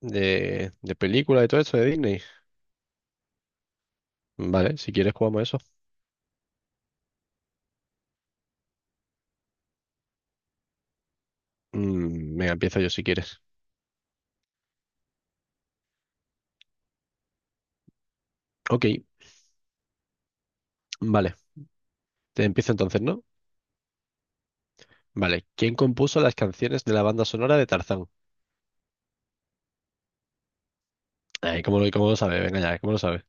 De película y todo eso de Disney. Vale, si quieres jugamos eso. Venga, empiezo yo si quieres. Ok, vale. Te empiezo entonces, ¿no? Vale. ¿Quién compuso las canciones de la banda sonora de Tarzán? Ay, ¿cómo lo sabe? Venga ya, ¿cómo lo sabe?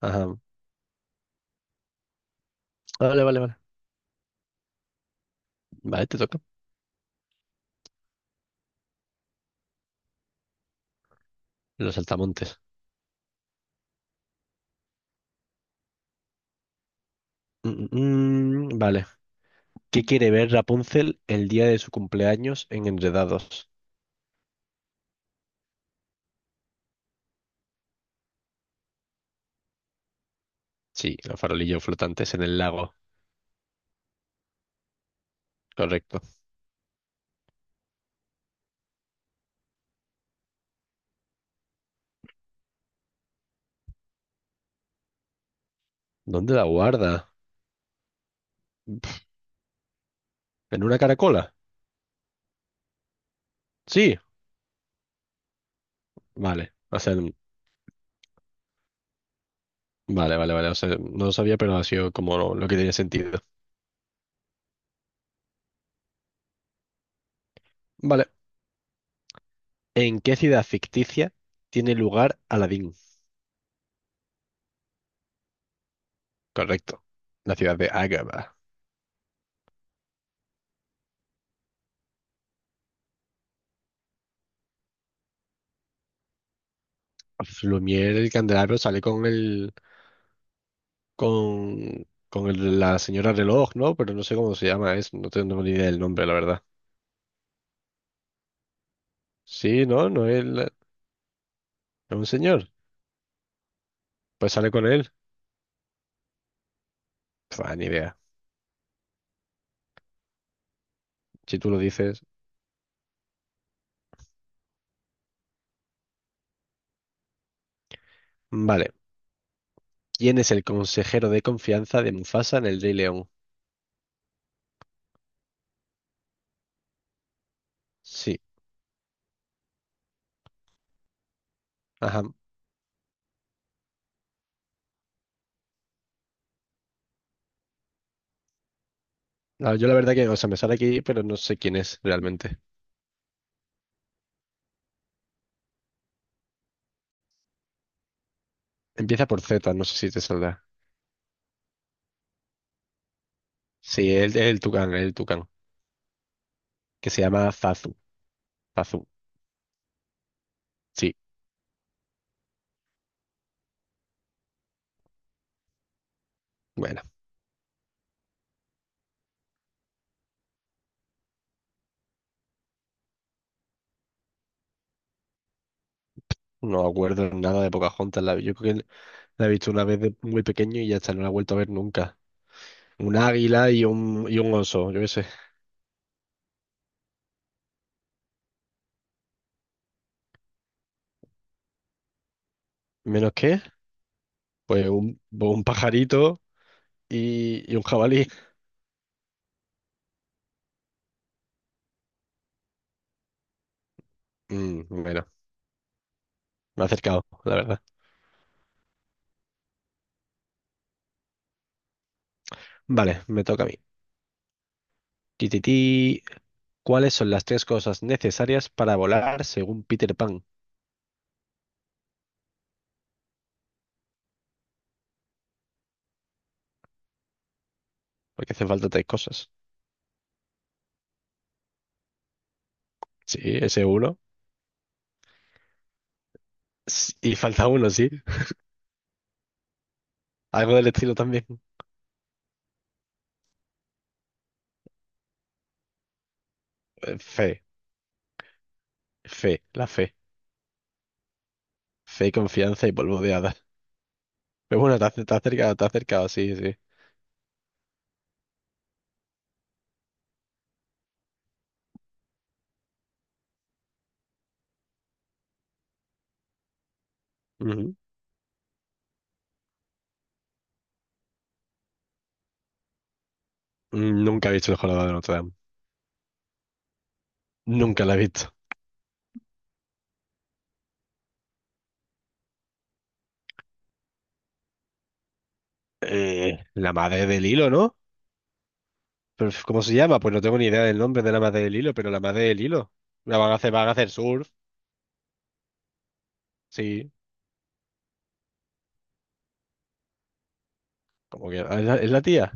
Ajá. Vale, vale, vale. Vale, te toca. Los saltamontes. Vale. ¿Qué quiere ver Rapunzel el día de su cumpleaños en Enredados? Sí, los farolillos flotantes en el lago. Correcto. ¿Dónde la guarda? ¿En una caracola? Sí. Vale. O sea, en vale, vale, vale. O sea, no lo sabía, pero ha sido como lo que tenía sentido. Vale. ¿En qué ciudad ficticia tiene lugar Aladdin? Correcto. La ciudad de Agrabah. Lumière, el candelabro sale con la señora reloj, ¿no? Pero no sé cómo se llama, es, no tengo ni idea del nombre, la verdad. Sí, no, es un señor. Pues sale con él. Pua, ni idea. Si tú lo dices. Vale. ¿Quién es el consejero de confianza de Mufasa en el Rey León? Sí. Ajá. Ah, yo la verdad que, o sea, me sale aquí, pero no sé quién es realmente. Empieza por Z, no sé si te saldrá. Sí, es el Tucán, que se llama Zazu. Zazu, sí. Bueno, no me acuerdo nada de Pocahontas. La, yo creo que la he visto una vez de muy pequeño y ya está, no la he vuelto a ver nunca. Un águila y un oso, yo qué sé. ¿Menos qué? Pues un pajarito y un jabalí. Mm, bueno, me ha acercado, la verdad. Vale, me toca a mí. Tititi. ¿Cuáles son las tres cosas necesarias para volar según Peter Pan? Porque hacen falta tres cosas. Sí, ese uno. Y falta uno, sí. Algo del estilo también. Fe, la fe. Fe, confianza y polvo de hadas. Pero bueno, te has acercado, sí, sí. Ujú. Nunca he visto el jorobado de Notre Dame. Nunca la he visto. La madre del hilo, ¿no? Pero, ¿cómo se llama? Pues no tengo ni idea del nombre de la madre del hilo, pero la madre del hilo. La van a hacer surf. Sí, como que. ¿Es es la tía?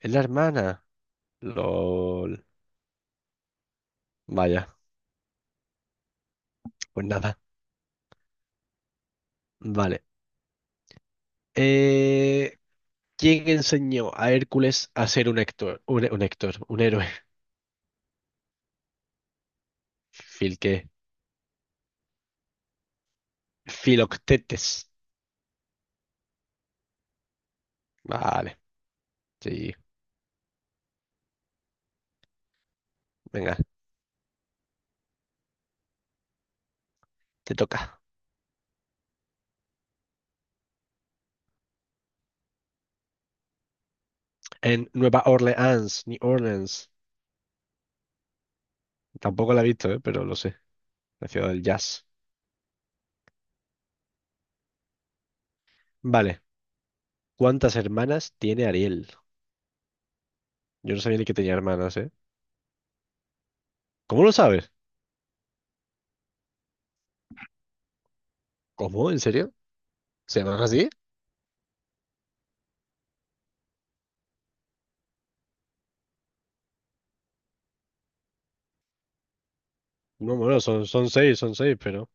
¿Es la hermana? LOL. Vaya, pues nada. Vale. Eh, ¿Quién enseñó a Hércules a ser un Héctor? Un Héctor, un héroe. Fil que. Filoctetes. Vale, sí. Venga, te toca. En Nueva Orleans, New Orleans. Tampoco la he visto, ¿eh? Pero lo sé. La ciudad del jazz. Vale. ¿Cuántas hermanas tiene Ariel? Yo no sabía ni que tenía hermanas, ¿eh? ¿Cómo lo sabes? ¿Cómo? ¿En serio? ¿Se llaman así? No, bueno, son seis, pero.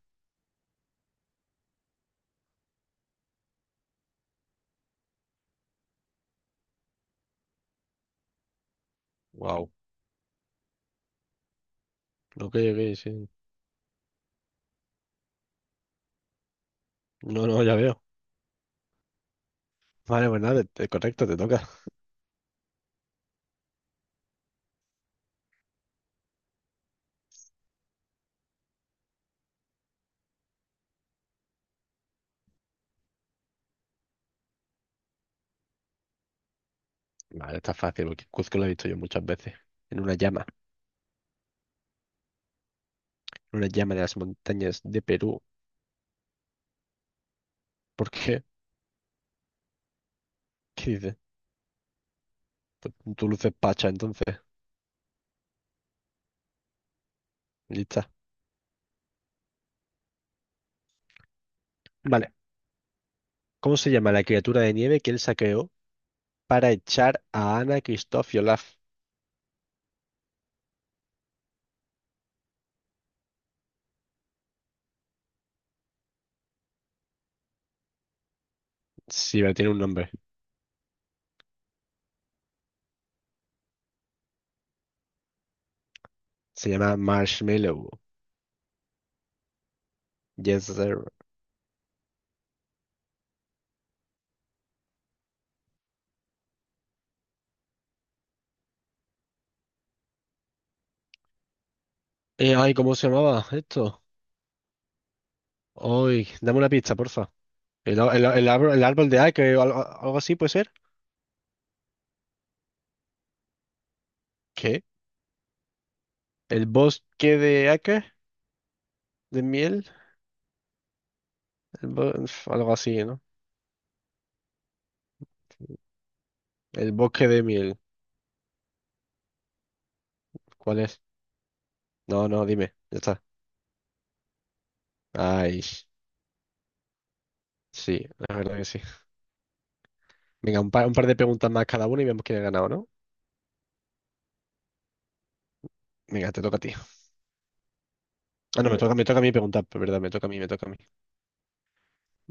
Wow. Ok, ok, sí. No, no, ya veo. Vale, pues nada, correcto, te toca. Vale, está fácil, porque Cuzco lo he visto yo muchas veces. En una llama, en una llama de las montañas de Perú. ¿Por qué? ¿Qué dices? Pues tú luces pacha, entonces. Lista. Vale. ¿Cómo se llama la criatura de nieve que él saqueó para echar a Anna, Kristoff y Olaf? Sí, pero tiene un nombre. Se llama Marshmallow. Yes, sir. ¿Cómo se llamaba esto? Ay, dame una pista, porfa. El árbol, el árbol de Ake o algo, algo así puede ser. ¿Qué? El bosque de acá, de miel, algo así, ¿no? El bosque de miel, ¿cuál es? No, no, dime, ya está. Ay, sí, la verdad que sí. Venga, un par de preguntas más cada uno y vemos quién ha ganado, ¿no? Venga, te toca a ti. Ah, no, Me toca, me toca a mí preguntar, pero verdad, me toca a mí, me toca a mí.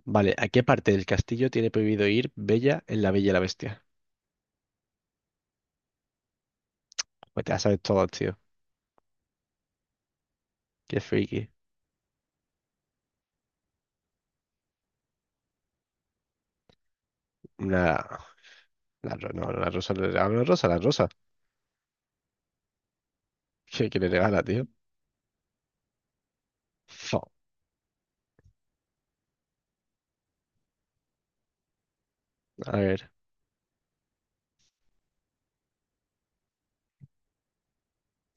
Vale, ¿a qué parte del castillo tiene prohibido ir Bella en La Bella y la Bestia? Pues te la sabes todo, tío. Qué friki. Una... La, ro- no, la rosa, Le regala una rosa, la rosa. ¿Qué, qué le regala, tío? Fo. A ver,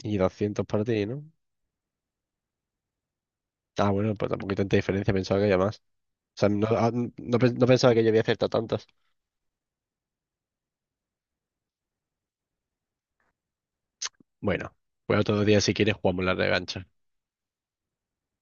y 200 para ti, ¿no? Ah, bueno, pues tampoco hay tanta diferencia, pensaba que había más. No pensaba que yo había acertado tantas. Bueno, pues otro día si quieres jugamos la revancha.